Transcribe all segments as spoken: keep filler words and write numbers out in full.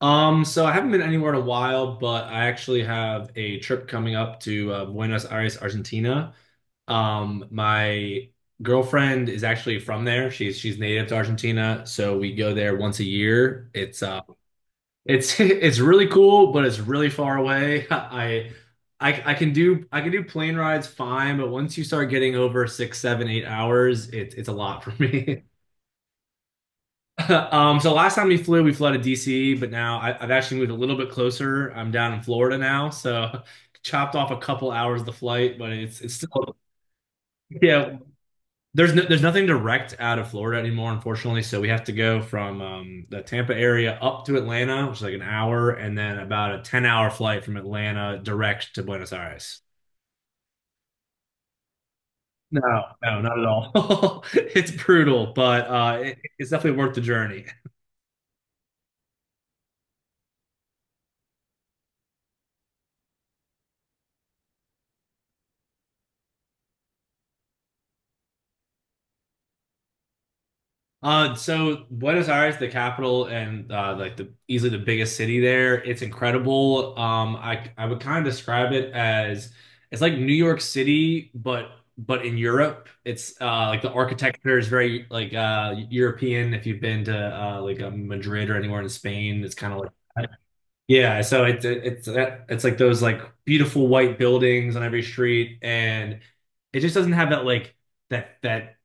Um, so I haven't been anywhere in a while, but I actually have a trip coming up to uh, Buenos Aires, Argentina. Um, my girlfriend is actually from there. She's she's native to Argentina, so we go there once a year. It's uh it's it's really cool, but it's really far away. I I I can do I can do plane rides fine, but once you start getting over six, seven, eight hours, it's it's a lot for me. um, so last time we flew, we flew to D C, but now I, I've actually moved a little bit closer. I'm down in Florida now, so chopped off a couple hours of the flight, but it's it's still. Yeah. There's no, there's nothing direct out of Florida anymore, unfortunately. So we have to go from um, the Tampa area up to Atlanta, which is like an hour, and then about a ten hour flight from Atlanta direct to Buenos Aires. No, no, not at all. It's brutal, but uh, it, it's definitely worth the journey. Uh, so Buenos Aires, the capital and uh, like the easily the biggest city there. It's incredible. Um, I I would kind of describe it as it's like New York City, but but in Europe. It's uh, like the architecture is very like uh, European. If you've been to uh, like uh, Madrid or anywhere in Spain, it's kind of like, yeah, so it's it's that it's like those like beautiful white buildings on every street, and it just doesn't have that like that that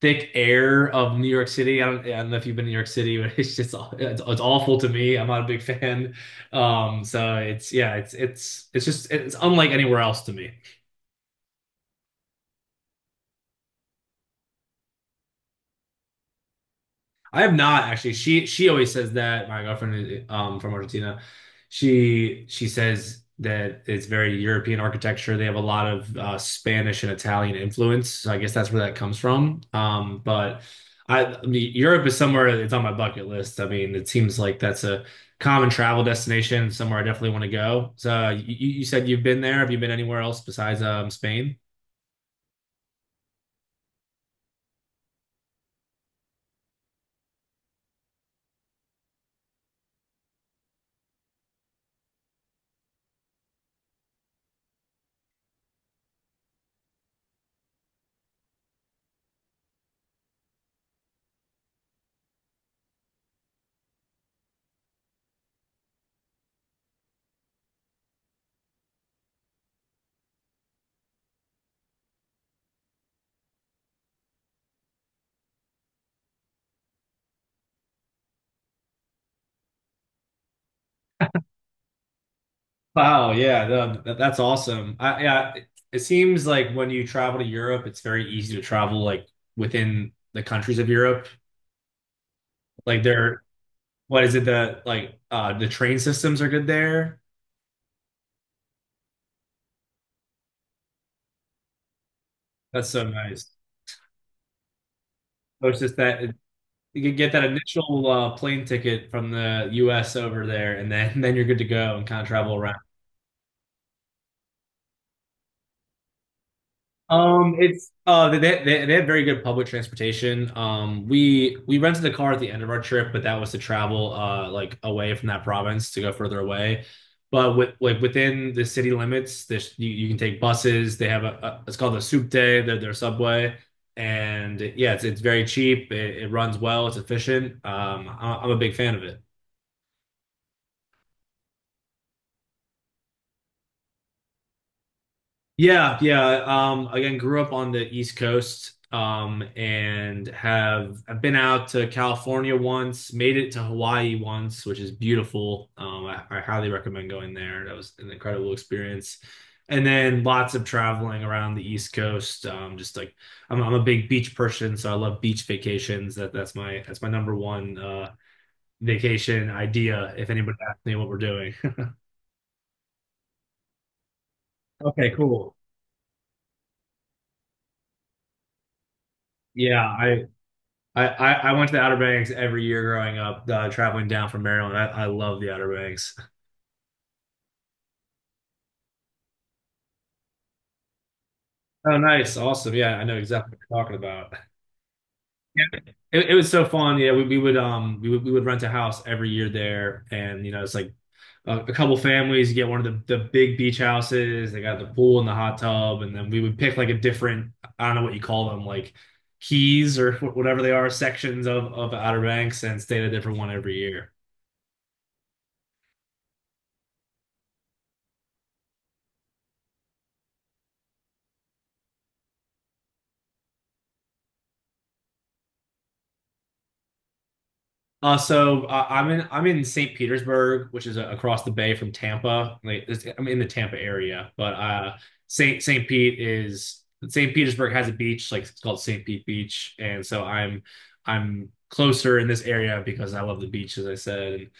thick air of New York City. I don't I don't know if you've been to New York City, but it's just aw- it's, it's awful to me. I'm not a big fan. Um, so it's yeah, it's it's it's just it's unlike anywhere else to me. I have not actually. She she always says that my girlfriend is um from Argentina. She she says that it's very European architecture. They have a lot of uh, Spanish and Italian influence. So I guess that's where that comes from. Um, but I, I mean, Europe is somewhere it's on my bucket list. I mean, it seems like that's a common travel destination, somewhere I definitely want to go. So uh, you, you said you've been there. Have you been anywhere else besides um Spain? Wow, yeah, no, that, that's awesome. I, yeah, it, it seems like when you travel to Europe, it's very easy to travel like within the countries of Europe. Like they're, what is it that like uh the train systems are good there? That's so nice. So it's just that it, you can get that initial uh, plane ticket from the U S over there, and then then you're good to go and kind of travel around. Um, it's uh they they they have very good public transportation. Um, we we rented a car at the end of our trip, but that was to travel uh like away from that province to go further away. But with like within the city limits, this you, you can take buses. They have a, a it's called the Souk Day, their their subway, and yeah, it's it's very cheap. It, it runs well. It's efficient. Um, I, I'm a big fan of it. Yeah, yeah. Um, again, grew up on the East Coast, um, and have I've been out to California once, made it to Hawaii once, which is beautiful. Um, I, I highly recommend going there. That was an incredible experience. And then lots of traveling around the East Coast. Um, just like I'm, I'm a big beach person, so I love beach vacations. That that's my that's my number one uh vacation idea. If anybody asks me what we're doing. Okay, cool. Yeah, I I, I, I went to the Outer Banks every year growing up, uh, traveling down from Maryland. I, I love the Outer Banks. Oh, nice, awesome. Yeah, I know exactly what you're talking about. Yeah, it, it was so fun. Yeah, we, we would um we would we would rent a house every year there, and you know it's like a, a couple families get one of the the big beach houses. They got the pool and the hot tub, and then we would pick like a different, I don't know what you call them, like keys or wh- whatever they are, sections of of Outer Banks, and stay at a different one every year. Uh, so uh, I'm in I'm in Saint Petersburg, which is uh, across the bay from Tampa. Like, it's, I'm in the Tampa area, but uh, Saint Saint Pete is, Saint Petersburg has a beach, like it's called Saint Pete Beach, and so I'm I'm closer in this area because I love the beach, as I said, and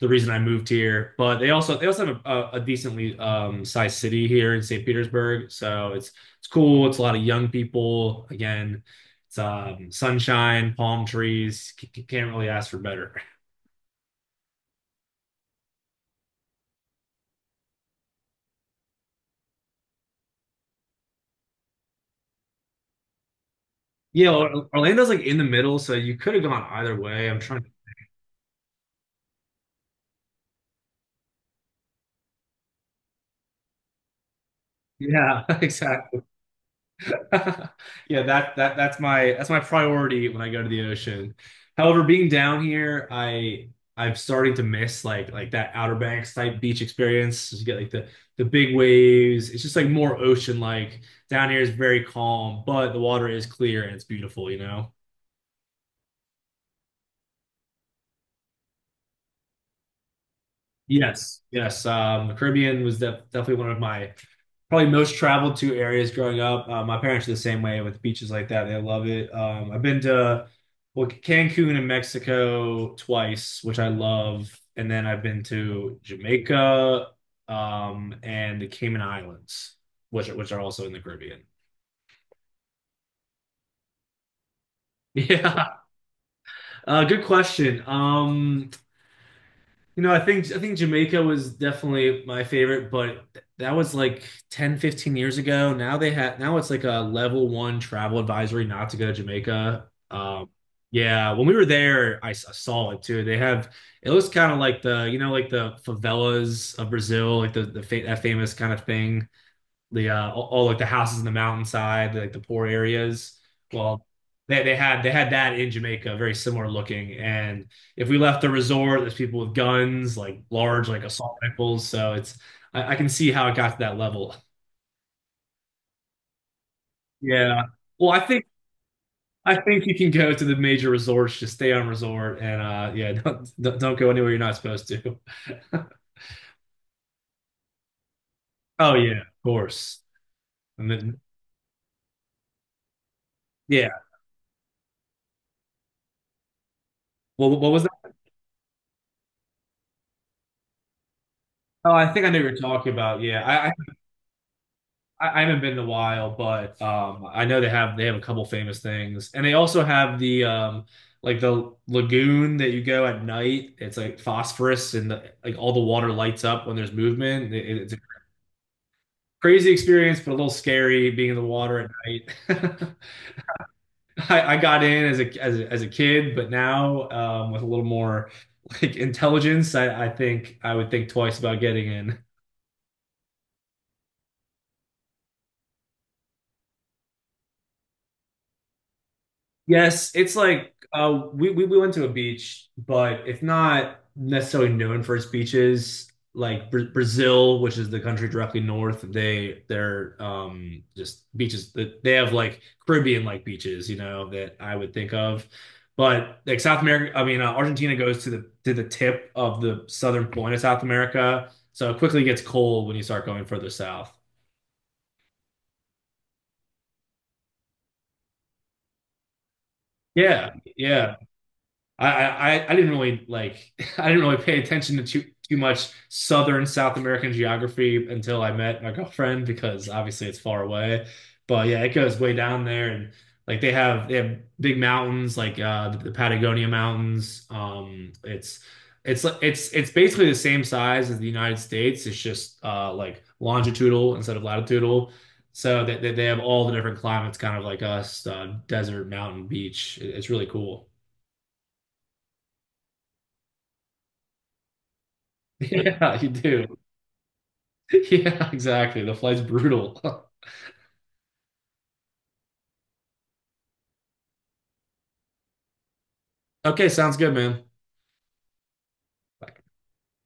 the reason I moved here. But they also they also have a, a, a decently um, sized city here in Saint Petersburg, so it's it's cool. It's a lot of young people, again, it's um, sunshine, palm trees. C- can't really ask for better. Yeah, Or- Orlando's like in the middle, so you could have gone either way. I'm trying to. Yeah, exactly. Yeah, that that that's my that's my priority when I go to the ocean. However, being down here, I I'm starting to miss like like that Outer Banks type beach experience. You get like the the big waves. It's just like more ocean like. Down here is very calm, but the water is clear and it's beautiful, you know? Yes, yes. Um, the Caribbean was def definitely one of my probably most traveled to areas growing up. Uh, my parents are the same way with beaches like that. They love it. Um, I've been to, well, Cancun in Mexico twice, which I love, and then I've been to Jamaica, um, and the Cayman Islands, which which are also in the Caribbean. Yeah, uh, good question. Um, You know, I think I think Jamaica was definitely my favorite, but th- that was like ten, fifteen years ago. Now they had, now it's like a level one travel advisory not to go to Jamaica. Um, yeah, when we were there, I, s- I saw it too. They have it looks kind of like the you know like the favelas of Brazil, like the the fa that famous kind of thing, the uh, all, like the houses in the mountainside, like the poor areas. Well, they, they had they had that in Jamaica, very similar looking. And if we left the resort, there's people with guns, like large, like assault rifles. So it's I, I can see how it got to that level. Yeah. Well, I think I think you can go to the major resorts, just stay on resort, and uh, yeah, don't don't don't go anywhere you're not supposed to. Oh yeah, of course. And then, yeah. Well, what was that? Oh, I think I know what you're talking about. Yeah, I, I, haven't been in a while, but um, I know they have they have a couple famous things, and they also have the um, like the lagoon that you go at night. It's like phosphorus, and the, like all the water lights up when there's movement. It- it's a crazy experience, but a little scary being in the water at night. I, I got in as a as a, as a kid, but now um, with a little more like intelligence, I, I think I would think twice about getting in. Yes, it's like uh, we, we we went to a beach, but it's not necessarily known for its beaches. Like Bra Brazil, which is the country directly north, they they're um just beaches that they have, like Caribbean like beaches, you know, that I would think of. But like South America, I mean, uh, Argentina goes to the to the tip of the southern point of South America, so it quickly gets cold when you start going further south. Yeah, yeah. I I, I didn't really like, I didn't really pay attention to too too much Southern South American geography until I met my girlfriend, because obviously it's far away. But yeah, it goes way down there, and like they have they have big mountains, like uh the, the Patagonia Mountains. Um it's it's like it's it's basically the same size as the United States. It's just uh like longitudinal instead of latitudinal. So they, they, they have all the different climates, kind of like us, uh, desert, mountain, beach. It- It's really cool. Yeah, you do. Yeah, exactly. The flight's brutal. Okay, sounds good, man.